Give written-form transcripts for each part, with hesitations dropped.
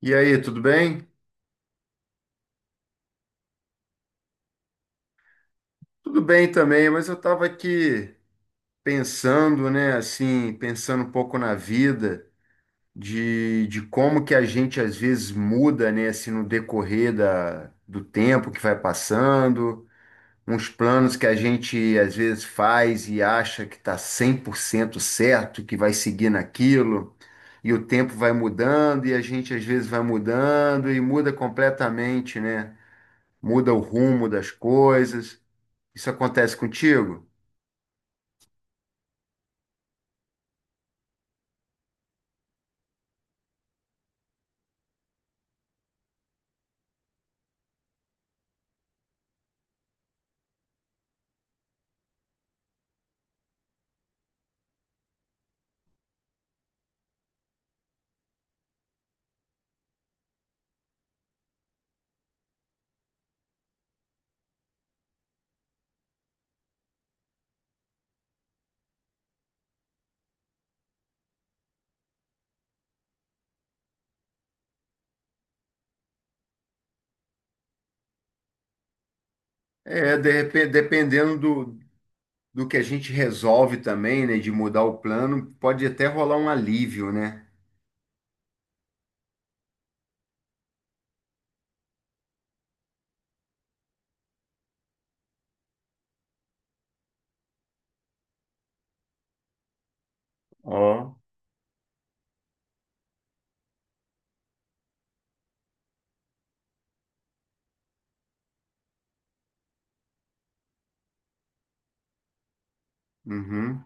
E aí, tudo bem? Tudo bem também, mas eu estava aqui pensando, né, assim, pensando um pouco na vida, de como que a gente às vezes muda, né, assim, no decorrer do tempo que vai passando, uns planos que a gente às vezes faz e acha que está 100% certo, que vai seguir naquilo, e o tempo vai mudando, e a gente às vezes vai mudando e muda completamente, né? Muda o rumo das coisas. Isso acontece contigo? É, de repente, dependendo do que a gente resolve também, né, de mudar o plano, pode até rolar um alívio, né? Ó. Uhum,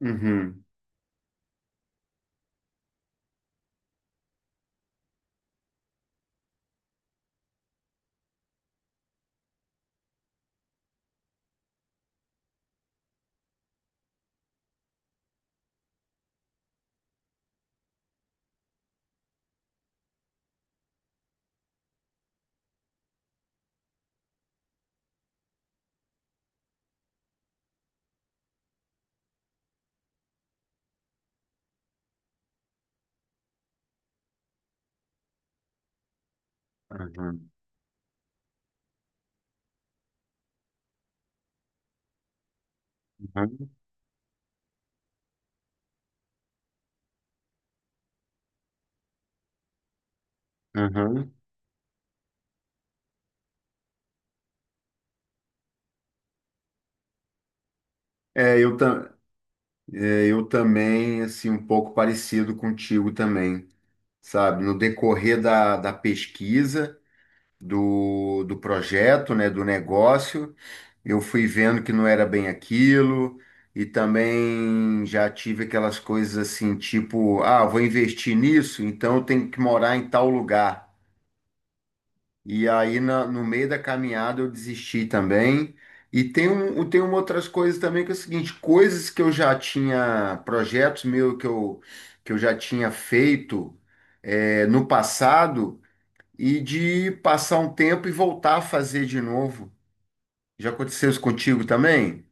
uhum, uhum, uhum, uhum. É, eu, ta- é, eu também, assim, um pouco parecido contigo também, sabe? No decorrer da pesquisa, do projeto, né, do negócio. Eu fui vendo que não era bem aquilo, e também já tive aquelas coisas assim, tipo, ah, vou investir nisso, então eu tenho que morar em tal lugar. E aí no meio da caminhada eu desisti também. E tem uma outras coisas também que é o seguinte, coisas que eu já tinha, projetos meus que eu já tinha feito no passado e de passar um tempo e voltar a fazer de novo. Já aconteceu isso contigo também?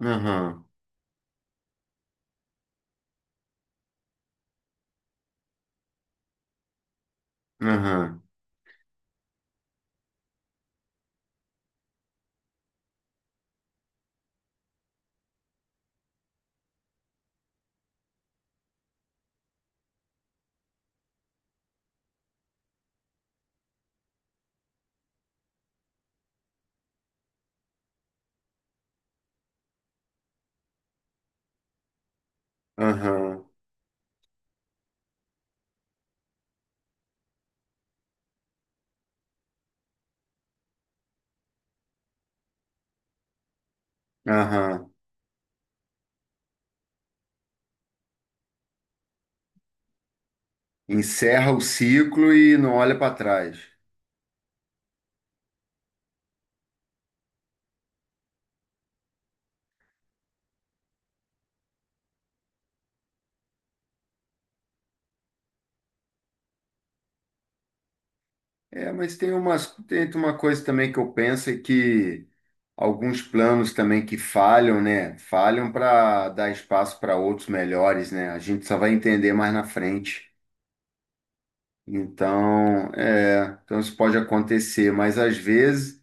Aham. Aham, aham, aham. Encerra o ciclo e não olha para trás. É, mas tem umas, tem uma coisa também que eu penso é que alguns planos também que falham, né? Falham para dar espaço para outros melhores, né? A gente só vai entender mais na frente. Então, é, então isso pode acontecer, mas às vezes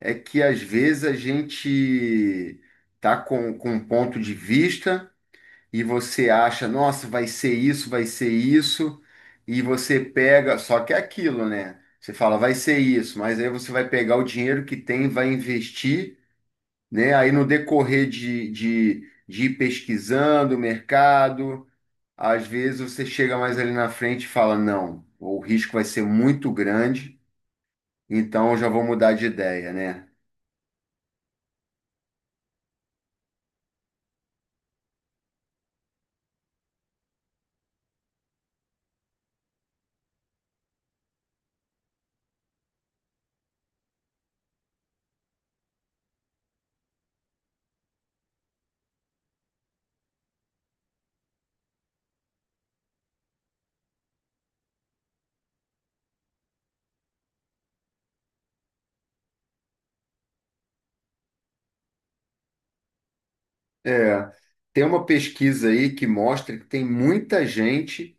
é que às vezes a gente tá com um ponto de vista e você acha, nossa, vai ser isso, e você pega, só que é aquilo, né? Você fala, vai ser isso, mas aí você vai pegar o dinheiro que tem, vai investir, né? Aí no decorrer de ir pesquisando o mercado, às vezes você chega mais ali na frente e fala, não, o risco vai ser muito grande, então eu já vou mudar de ideia, né? É, tem uma pesquisa aí que mostra que tem muita gente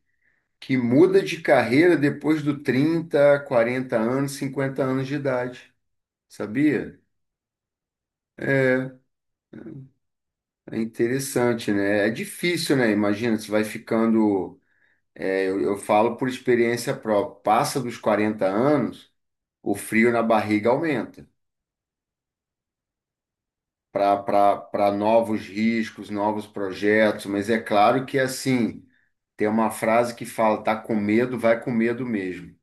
que muda de carreira depois do 30, 40 anos, 50 anos de idade, sabia? É interessante, né? É difícil, né? Imagina, você vai ficando. Eu falo por experiência própria. Passa dos 40 anos, o frio na barriga aumenta para novos riscos, novos projetos. Mas é claro que, assim, tem uma frase que fala: tá com medo, vai com medo mesmo.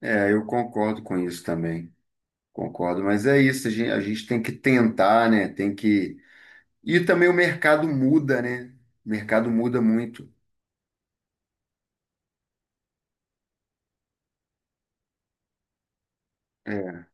É, eu concordo com isso também. Concordo, mas é isso, a gente, tem que tentar, né? Tem que. E também o mercado muda, né? O mercado muda muito. É.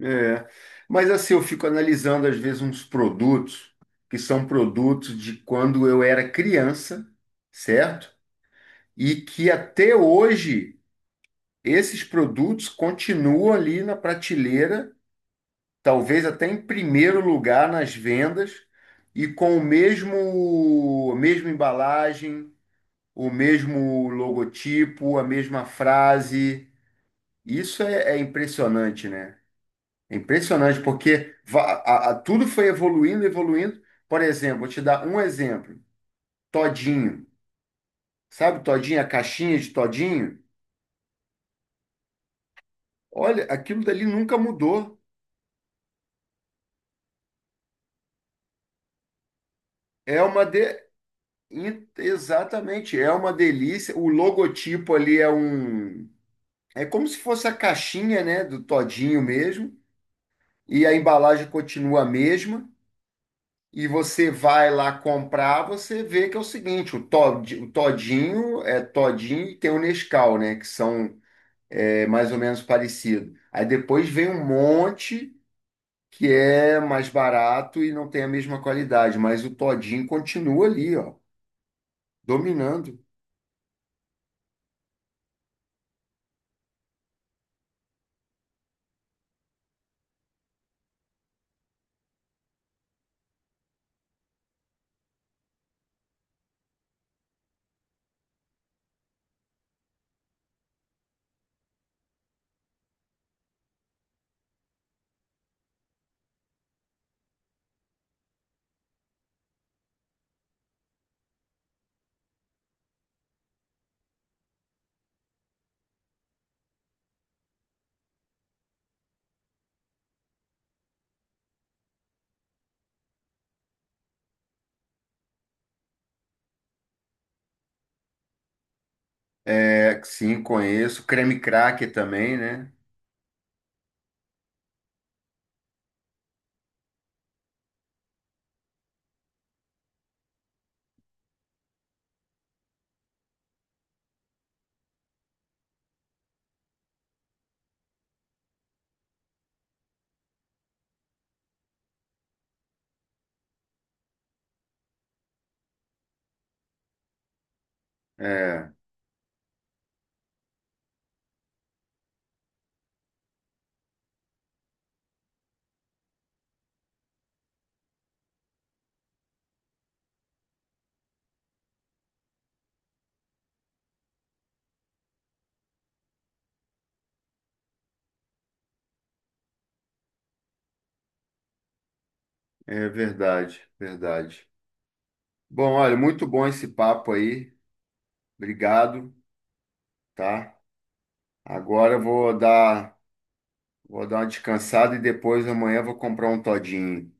É. Mas assim, eu fico analisando às vezes uns produtos que são produtos de quando eu era criança, certo? E que até hoje esses produtos continuam ali na prateleira, talvez até em primeiro lugar nas vendas, e com mesma embalagem o mesmo logotipo, a mesma frase. Isso é impressionante, né? É impressionante porque tudo foi evoluindo, evoluindo. Por exemplo, vou te dar um exemplo. Todinho. Sabe Todinho, a caixinha de Todinho? Olha, aquilo dali nunca mudou. É uma de... Exatamente, é uma delícia. O logotipo ali é um... É como se fosse a caixinha, né, do Todinho mesmo. E a embalagem continua a mesma. E você vai lá comprar, você vê que é o seguinte, o Todinho é Todinho e tem o Nescau, né, que são mais ou menos parecidos. Aí depois vem um monte que é mais barato e não tem a mesma qualidade, mas o Todinho continua ali, ó, dominando. É, sim, conheço. Creme cracker também, né? É, é verdade, verdade. Bom, olha, muito bom esse papo aí. Obrigado, tá? Agora eu vou dar uma descansada e depois amanhã vou comprar um todinho.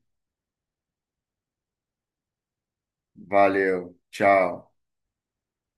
Valeu, tchau.